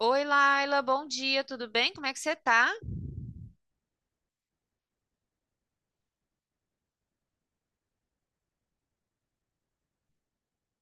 Oi, Laila, bom dia, tudo bem? Como é que você tá?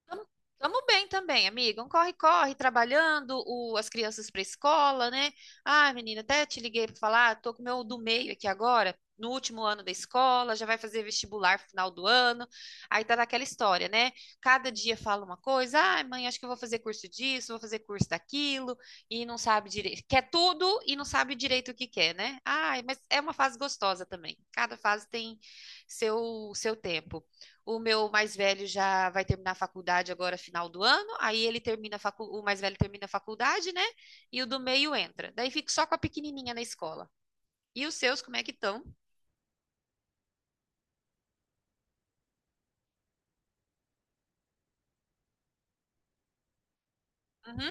Tamo tamo bem também, amiga. Um corre-corre, trabalhando as crianças para escola, né? Ah, menina, até te liguei para falar, tô com o meu do meio aqui agora, no último ano da escola, já vai fazer vestibular no final do ano. Aí tá naquela história, né? Cada dia fala uma coisa, ah, mãe, acho que eu vou fazer curso disso, vou fazer curso daquilo, e não sabe direito. Quer tudo e não sabe direito o que quer, né? Ai, mas é uma fase gostosa também. Cada fase tem seu tempo. O meu mais velho já vai terminar a faculdade agora, final do ano. Aí ele termina a o mais velho termina a faculdade, né? E o do meio entra. Daí fico só com a pequenininha na escola. E os seus, como é que estão? Uhum.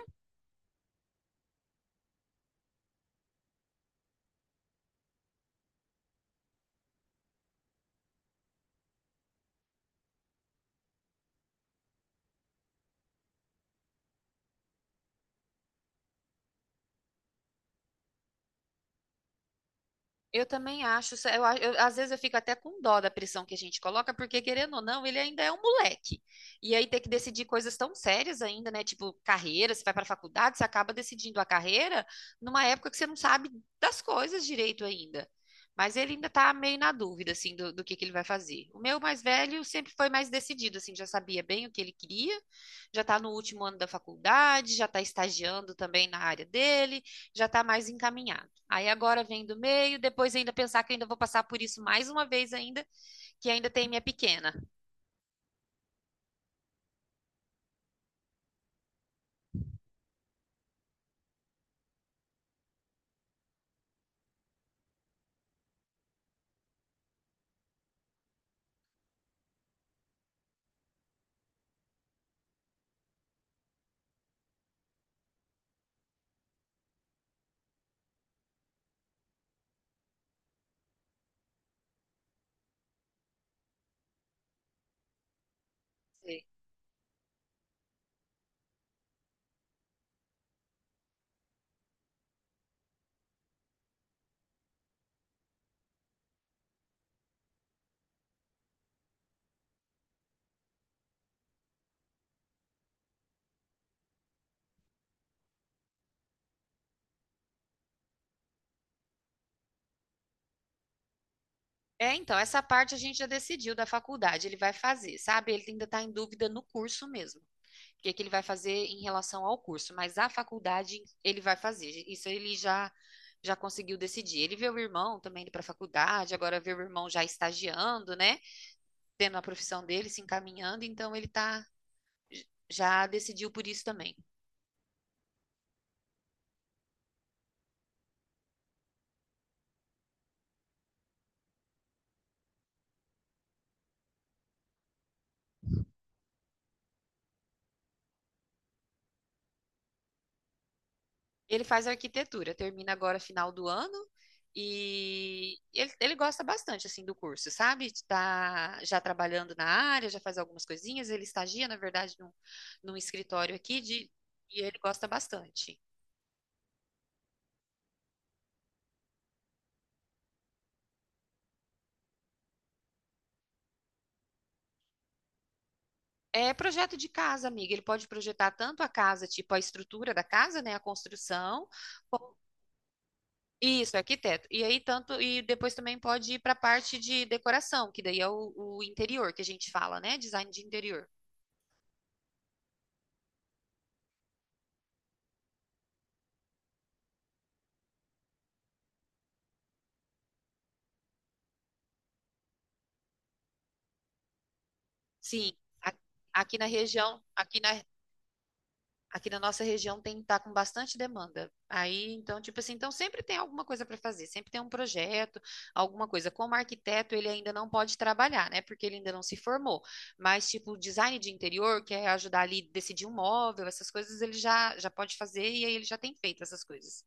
Eu também acho. Às vezes eu fico até com dó da pressão que a gente coloca, porque querendo ou não, ele ainda é um moleque. E aí ter que decidir coisas tão sérias ainda, né? Tipo carreira, você vai para a faculdade, você acaba decidindo a carreira numa época que você não sabe das coisas direito ainda. Mas ele ainda tá meio na dúvida, assim, do que ele vai fazer. O meu mais velho sempre foi mais decidido, assim, já sabia bem o que ele queria, já tá no último ano da faculdade, já tá estagiando também na área dele, já tá mais encaminhado. Aí agora vem do meio, depois ainda pensar que ainda vou passar por isso mais uma vez ainda, que ainda tem minha pequena. Sei. É, então, essa parte a gente já decidiu da faculdade, ele vai fazer, sabe? Ele ainda está em dúvida no curso mesmo, o que que ele vai fazer em relação ao curso, mas a faculdade ele vai fazer, isso ele já conseguiu decidir. Ele vê o irmão também indo para a faculdade, agora vê o irmão já estagiando, né? Tendo a profissão dele, se encaminhando, então ele tá já decidiu por isso também. Ele faz arquitetura, termina agora final do ano e ele gosta bastante assim do curso, sabe? Tá já trabalhando na área, já faz algumas coisinhas, ele estagia, na verdade, num escritório aqui de, e ele gosta bastante. É projeto de casa, amiga. Ele pode projetar tanto a casa, tipo a estrutura da casa, né, a construção, como- isso, arquiteto. E aí tanto e depois também pode ir para a parte de decoração, que daí é o interior que a gente fala, né, design de interior. Sim, a- aqui na região, aqui na nossa região tem tá com bastante demanda. Aí, então, tipo assim, então sempre tem alguma coisa para fazer, sempre tem um projeto, alguma coisa. Como arquiteto, ele ainda não pode trabalhar, né? Porque ele ainda não se formou. Mas, tipo, design de interior, que é ajudar ali a decidir um móvel, essas coisas ele já pode fazer e aí ele já tem feito essas coisas.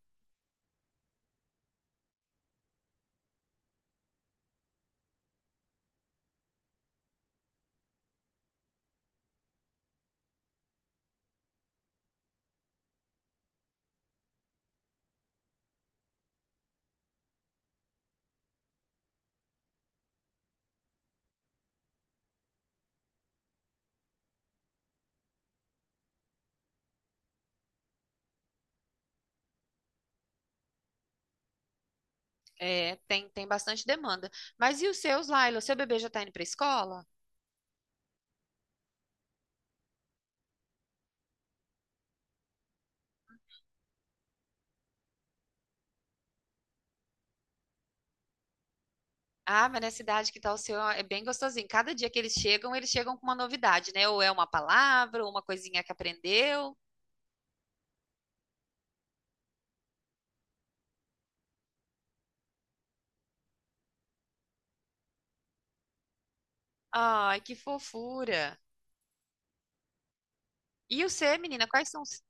É, tem bastante demanda. Mas e os seus, Laila? O seu bebê já tá indo para escola? Ah, mas na cidade que tá o seu é bem gostosinho. Cada dia que eles chegam com uma novidade, né? Ou é uma palavra, ou uma coisinha que aprendeu. Ai, que fofura. E o você, menina, quais são os...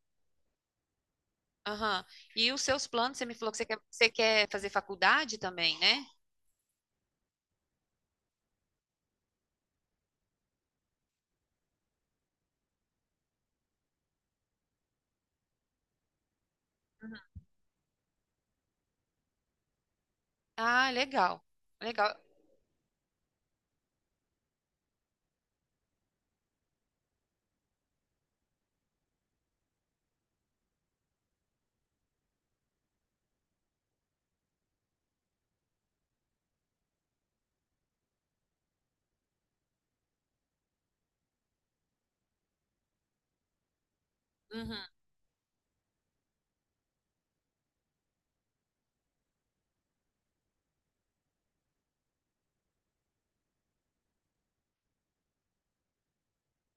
Aham. E os seus planos? Você me falou que você quer fazer faculdade também, né? Ah, legal. Legal. Uhum.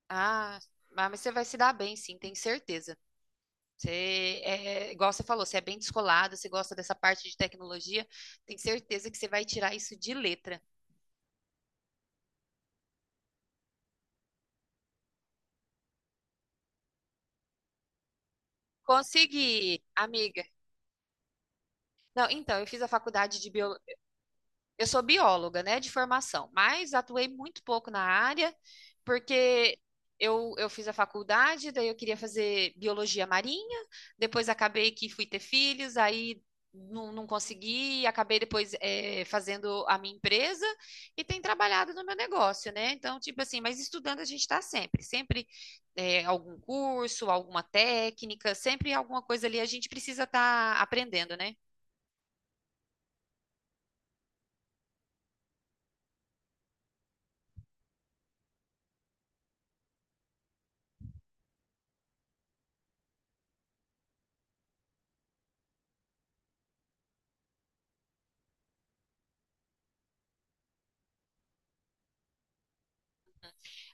Ah, ah, mas você vai se dar bem, sim, tenho certeza. Você é, igual você falou, você é bem descolada, você gosta dessa parte de tecnologia, tenho certeza que você vai tirar isso de letra. Consegui, amiga. Não, então, eu fiz a faculdade de bio... Eu sou bióloga, né, de formação, mas atuei muito pouco na área, porque eu fiz a faculdade, daí eu queria fazer biologia marinha, depois acabei que fui ter filhos, aí não consegui, acabei depois fazendo a minha empresa e tenho trabalhado no meu negócio, né? Então, tipo assim, mas estudando a gente está sempre algum curso, alguma técnica, sempre alguma coisa ali a gente precisa estar aprendendo, né?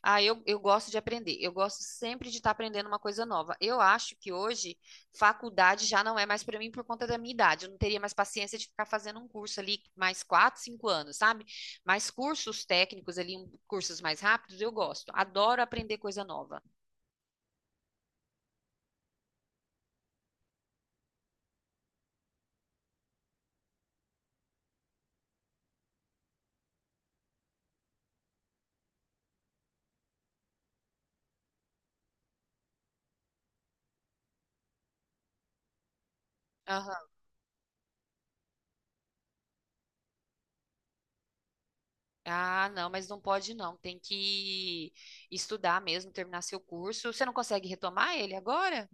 Ah, eu gosto de aprender. Eu gosto sempre de estar aprendendo uma coisa nova. Eu acho que hoje faculdade já não é mais para mim por conta da minha idade. Eu não teria mais paciência de ficar fazendo um curso ali mais quatro, cinco anos, sabe? Mas cursos técnicos ali, cursos mais rápidos, eu gosto. Adoro aprender coisa nova. Aham. Ah, não, mas não pode não. Tem que estudar mesmo, terminar seu curso. Você não consegue retomar ele agora?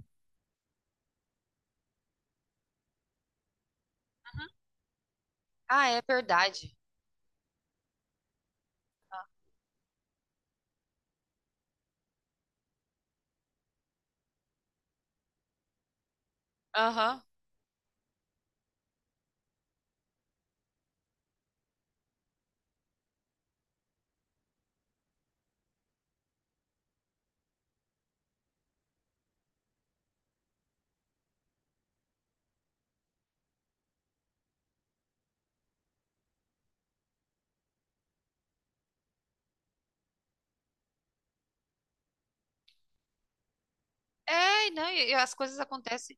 Ah, é verdade. Aham. É, não, e as coisas acontecem.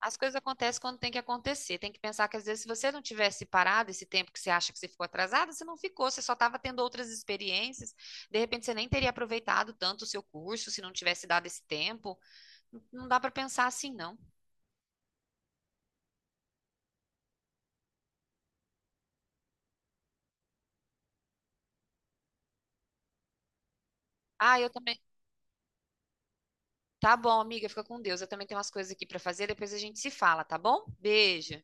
As coisas acontecem quando tem que acontecer. Tem que pensar que às vezes se você não tivesse parado esse tempo que você acha que você ficou atrasada, você não ficou, você só estava tendo outras experiências. De repente você nem teria aproveitado tanto o seu curso se não tivesse dado esse tempo. Não dá para pensar assim, não. Ah, eu também. Tá bom, amiga, fica com Deus. Eu também tenho umas coisas aqui para fazer, depois a gente se fala, tá bom? Beijo.